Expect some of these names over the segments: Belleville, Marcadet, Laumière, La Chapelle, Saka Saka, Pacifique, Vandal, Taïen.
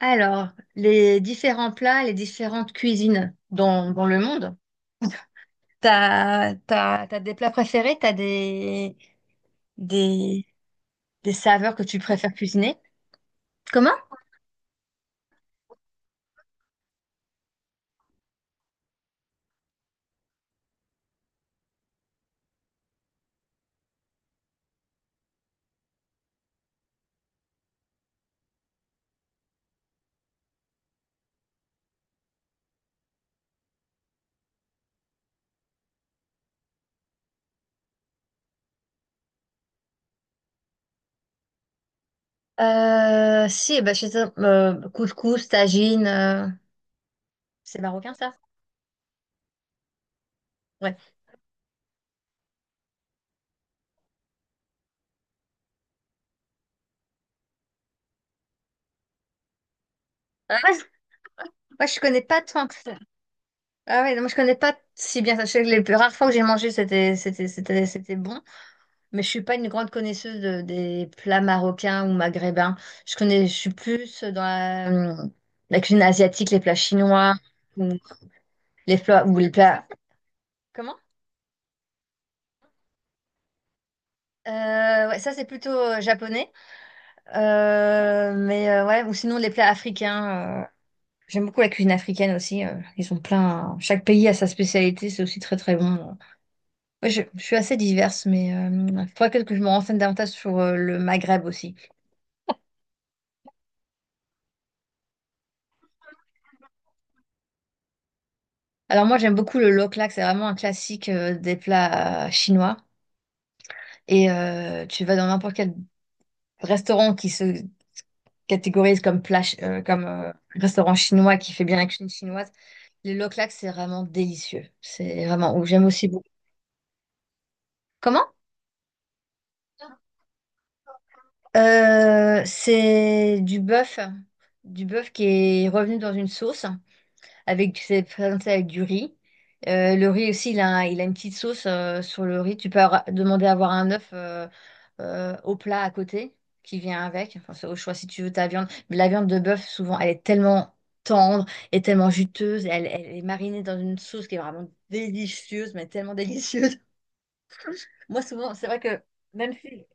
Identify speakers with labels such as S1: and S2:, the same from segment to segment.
S1: Alors, les différents plats, les différentes cuisines dans le monde, t'as des plats préférés, t'as des, des saveurs que tu préfères cuisiner? Comment? Si, bah, je sais, couscous, tagine, c'est marocain ça? Ouais. Ah, moi, je connais pas tant que ça. Ah ouais, non, moi je connais pas si bien ça. Je sais que les rares fois que j'ai mangé, c'était bon. Mais je suis pas une grande connaisseuse des plats marocains ou maghrébins. Je suis plus dans la cuisine asiatique, les plats chinois ou les plats ou les plats. Comment? Ouais, ça c'est plutôt japonais. Mais ouais, ou sinon les plats africains. J'aime beaucoup la cuisine africaine aussi. Ils ont plein. Chaque pays a sa spécialité. C'est aussi très très bon. Ouais, je suis assez diverse, mais il faudrait que je me renseigne davantage sur le Maghreb aussi. Alors moi j'aime beaucoup le loklak, c'est vraiment un classique des plats chinois. Et tu vas dans n'importe quel restaurant qui se catégorise comme plat, ch- comme restaurant chinois qui fait bien la cuisine chinoise. Le loklak c'est vraiment délicieux. C'est vraiment ouf. J'aime aussi beaucoup. Comment? C'est du bœuf qui est revenu dans une sauce. Avec, tu sais, présenter avec du riz. Le riz aussi, il a une petite sauce sur le riz. Tu peux demander à avoir un œuf au plat à côté qui vient avec. Enfin, c'est au choix si tu veux ta viande. Mais la viande de bœuf, souvent, elle est tellement tendre et tellement juteuse. Elle est marinée dans une sauce qui est vraiment délicieuse, mais tellement délicieuse. Moi, souvent, c'est vrai que même si.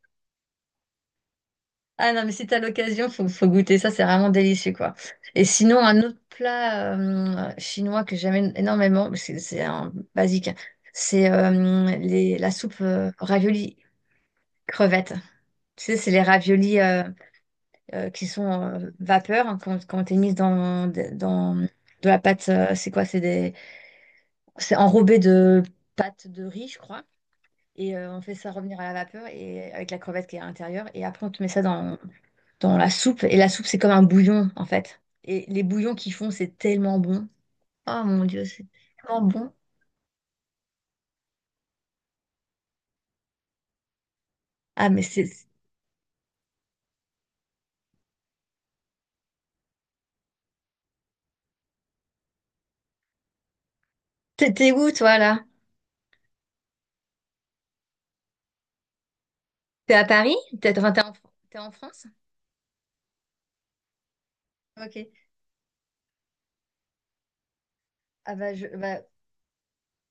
S1: Ah non, mais si t'as l'occasion, faut goûter ça, c'est vraiment délicieux, quoi. Et sinon, un autre plat chinois que j'aime énormément, parce que c'est un basique, hein, c'est la soupe ravioli crevettes. Tu sais, c'est les raviolis qui sont vapeur, hein, quand t'es mise dans de la pâte, c'est quoi? C'est des, c'est enrobé de pâte de riz, je crois. Et on fait ça revenir à la vapeur et avec la crevette qui est à l'intérieur. Et après, on te met ça dans la soupe. Et la soupe, c'est comme un bouillon, en fait. Et les bouillons qu'ils font, c'est tellement bon. Oh mon Dieu, c'est tellement bon. Ah, mais c'est... T'es où, toi, là? T'es à Paris? T'es, enfin, t'es en France? OK. Ah bah, bah,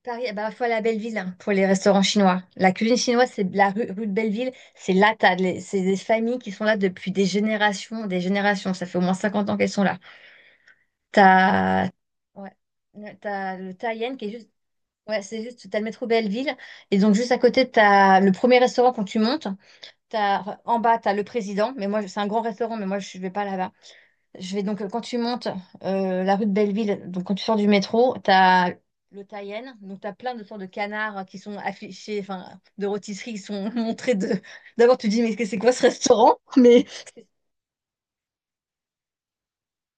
S1: Paris, ah bah, faut aller à Belleville, hein, pour les restaurants chinois. La cuisine chinoise, c'est la rue de Belleville. C'est là, c'est des familles qui sont là depuis des générations, des générations. Ça fait au moins 50 ans qu'elles sont là. T'as... Ouais. T'as le Taïen qui est juste. Ouais, c'est juste, t'as le métro Belleville, et donc juste à côté, t'as le premier restaurant quand tu montes, t'as, en bas, t'as le président, mais moi, c'est un grand restaurant, mais moi, je vais pas là-bas. Je vais donc, quand tu montes la rue de Belleville, donc quand tu sors du métro, t'as le Taïen, donc t'as plein de sortes de canards qui sont affichés, enfin, de rôtisseries qui sont montrées de... D'abord, tu te dis, mais c'est quoi ce restaurant? Mais...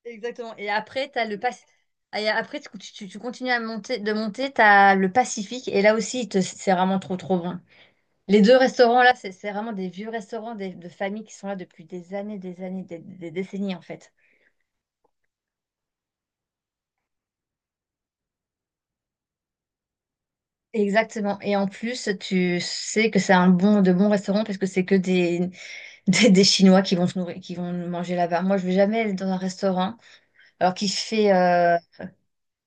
S1: Exactement, et après, t'as le Pacifique. Et après, tu continues à monter, de monter, t'as le Pacifique, et là aussi, c'est vraiment trop, trop bon. Les 2 restaurants là, c'est vraiment des vieux restaurants des de familles qui sont là depuis des années, des années, des décennies, en fait. Exactement et en plus, tu sais que c'est un bon de bons restaurants parce que c'est que des des Chinois qui vont se nourrir qui vont manger là-bas. Moi, je vais jamais aller dans un restaurant alors qui fait,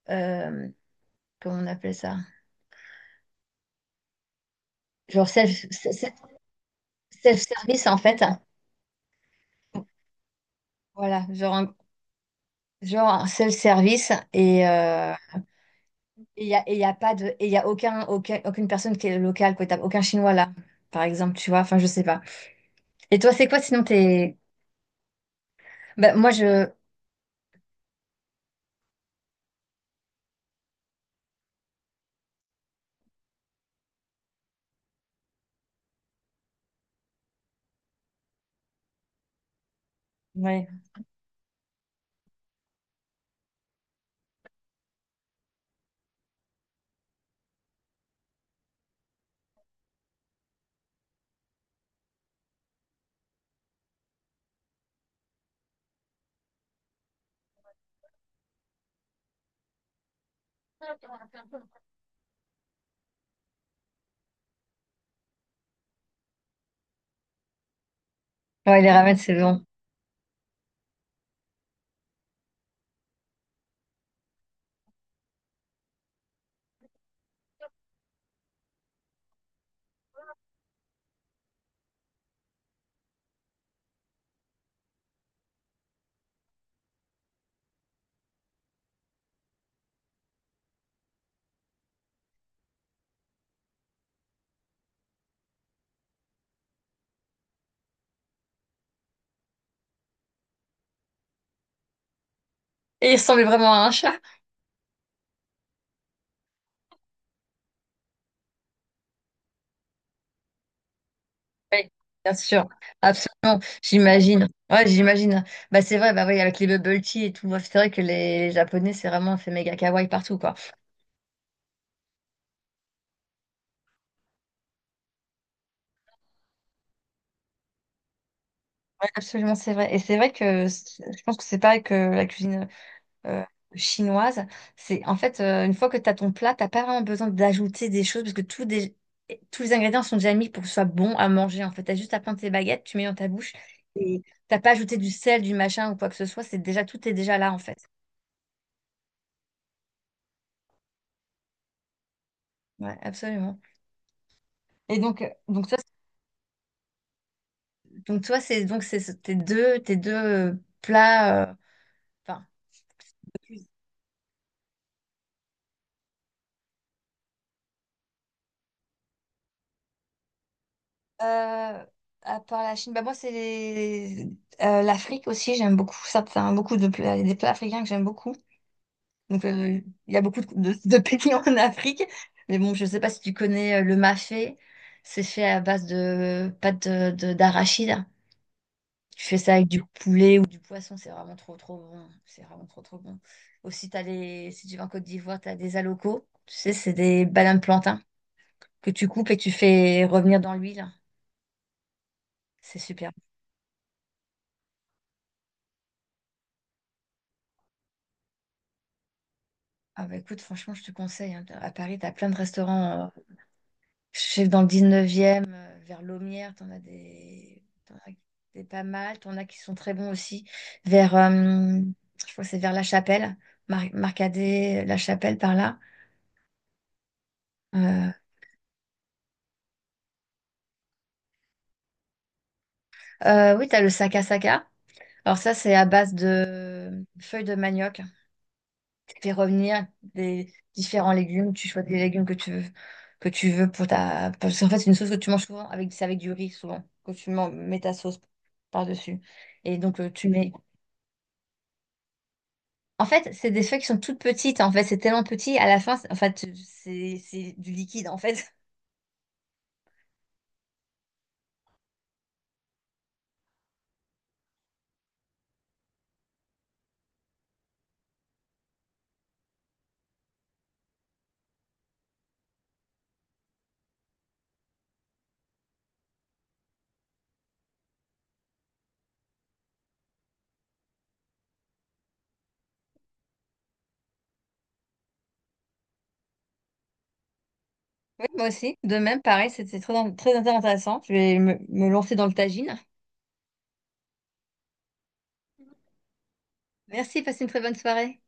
S1: hem, comment on appelle ça? Genre self-service, en fait. Voilà, genre un self-service Et il n'y a, et y a pas de, et y a aucun, aucune personne qui est locale, quoi. T'as aucun Chinois là, par exemple, tu vois. Enfin, je sais pas. Et toi, c'est quoi sinon t'es... Bah, moi, je... Ouais. Ouais, les ramen, c'est bon. Et il ressemblait vraiment à un chat. Oui, bien sûr. Absolument. J'imagine. Ouais, j'imagine. Bah, c'est vrai, bah oui, avec les bubble tea et tout. Ouais, c'est vrai que les Japonais, c'est vraiment, fait méga kawaii partout, quoi. Ouais, absolument, c'est vrai. Et c'est vrai que je pense que c'est pareil que la cuisine. euh, chinoise. C'est en fait une fois que tu as ton plat, t'as pas vraiment besoin d'ajouter des choses parce que tous les ingrédients sont déjà mis pour que ce soit bon à manger. En fait, t'as juste à prendre tes baguettes, tu mets dans ta bouche et t'as pas ajouté du sel, du machin ou quoi que ce soit. C'est déjà Tout est déjà là en fait. Ouais, absolument. Et donc toi donc toi c'est donc c'est tes deux plats. Enfin. Euh, à part la Chine, bah moi c'est l'Afrique aussi, j'aime beaucoup certains, beaucoup de plats, des plats africains que j'aime beaucoup. Donc, il y a beaucoup de pays en Afrique. Mais bon, je ne sais pas si tu connais le mafé. C'est fait à base de pâte d'arachide. Tu fais ça avec du poulet ou du poisson. C'est vraiment trop, trop bon. C'est vraiment trop, trop bon. Aussi, si tu vas en Côte d'Ivoire, tu as des alocos. Tu sais, c'est des bananes plantains que tu coupes et que tu fais revenir dans l'huile. C'est super. Ah bah écoute, franchement, je te conseille, hein. À Paris, tu as plein de restaurants Je sais que dans le 19e, vers Laumière, t'en as des pas mal. T'en as qui sont très bons aussi. Vers, je crois que c'est vers La Chapelle, Marcadet, La Chapelle par là. Euh, oui, t'as le Saka Saka. Alors ça, c'est à base de feuilles de manioc. Tu fais revenir des différents légumes. Tu choisis les légumes que tu veux pour ta... Parce qu'en fait, c'est une sauce que tu manges souvent avec, c'est avec du riz souvent, que tu mets ta sauce par-dessus. Et donc, tu mets, en fait, c'est des feuilles qui sont toutes petites. En fait, c'est tellement petit. À la fin, en fait, c'est du liquide. En fait, oui, moi aussi. De même, pareil, c'était très, très intéressant. Je vais me lancer dans le tagine. Merci, passe une très bonne soirée.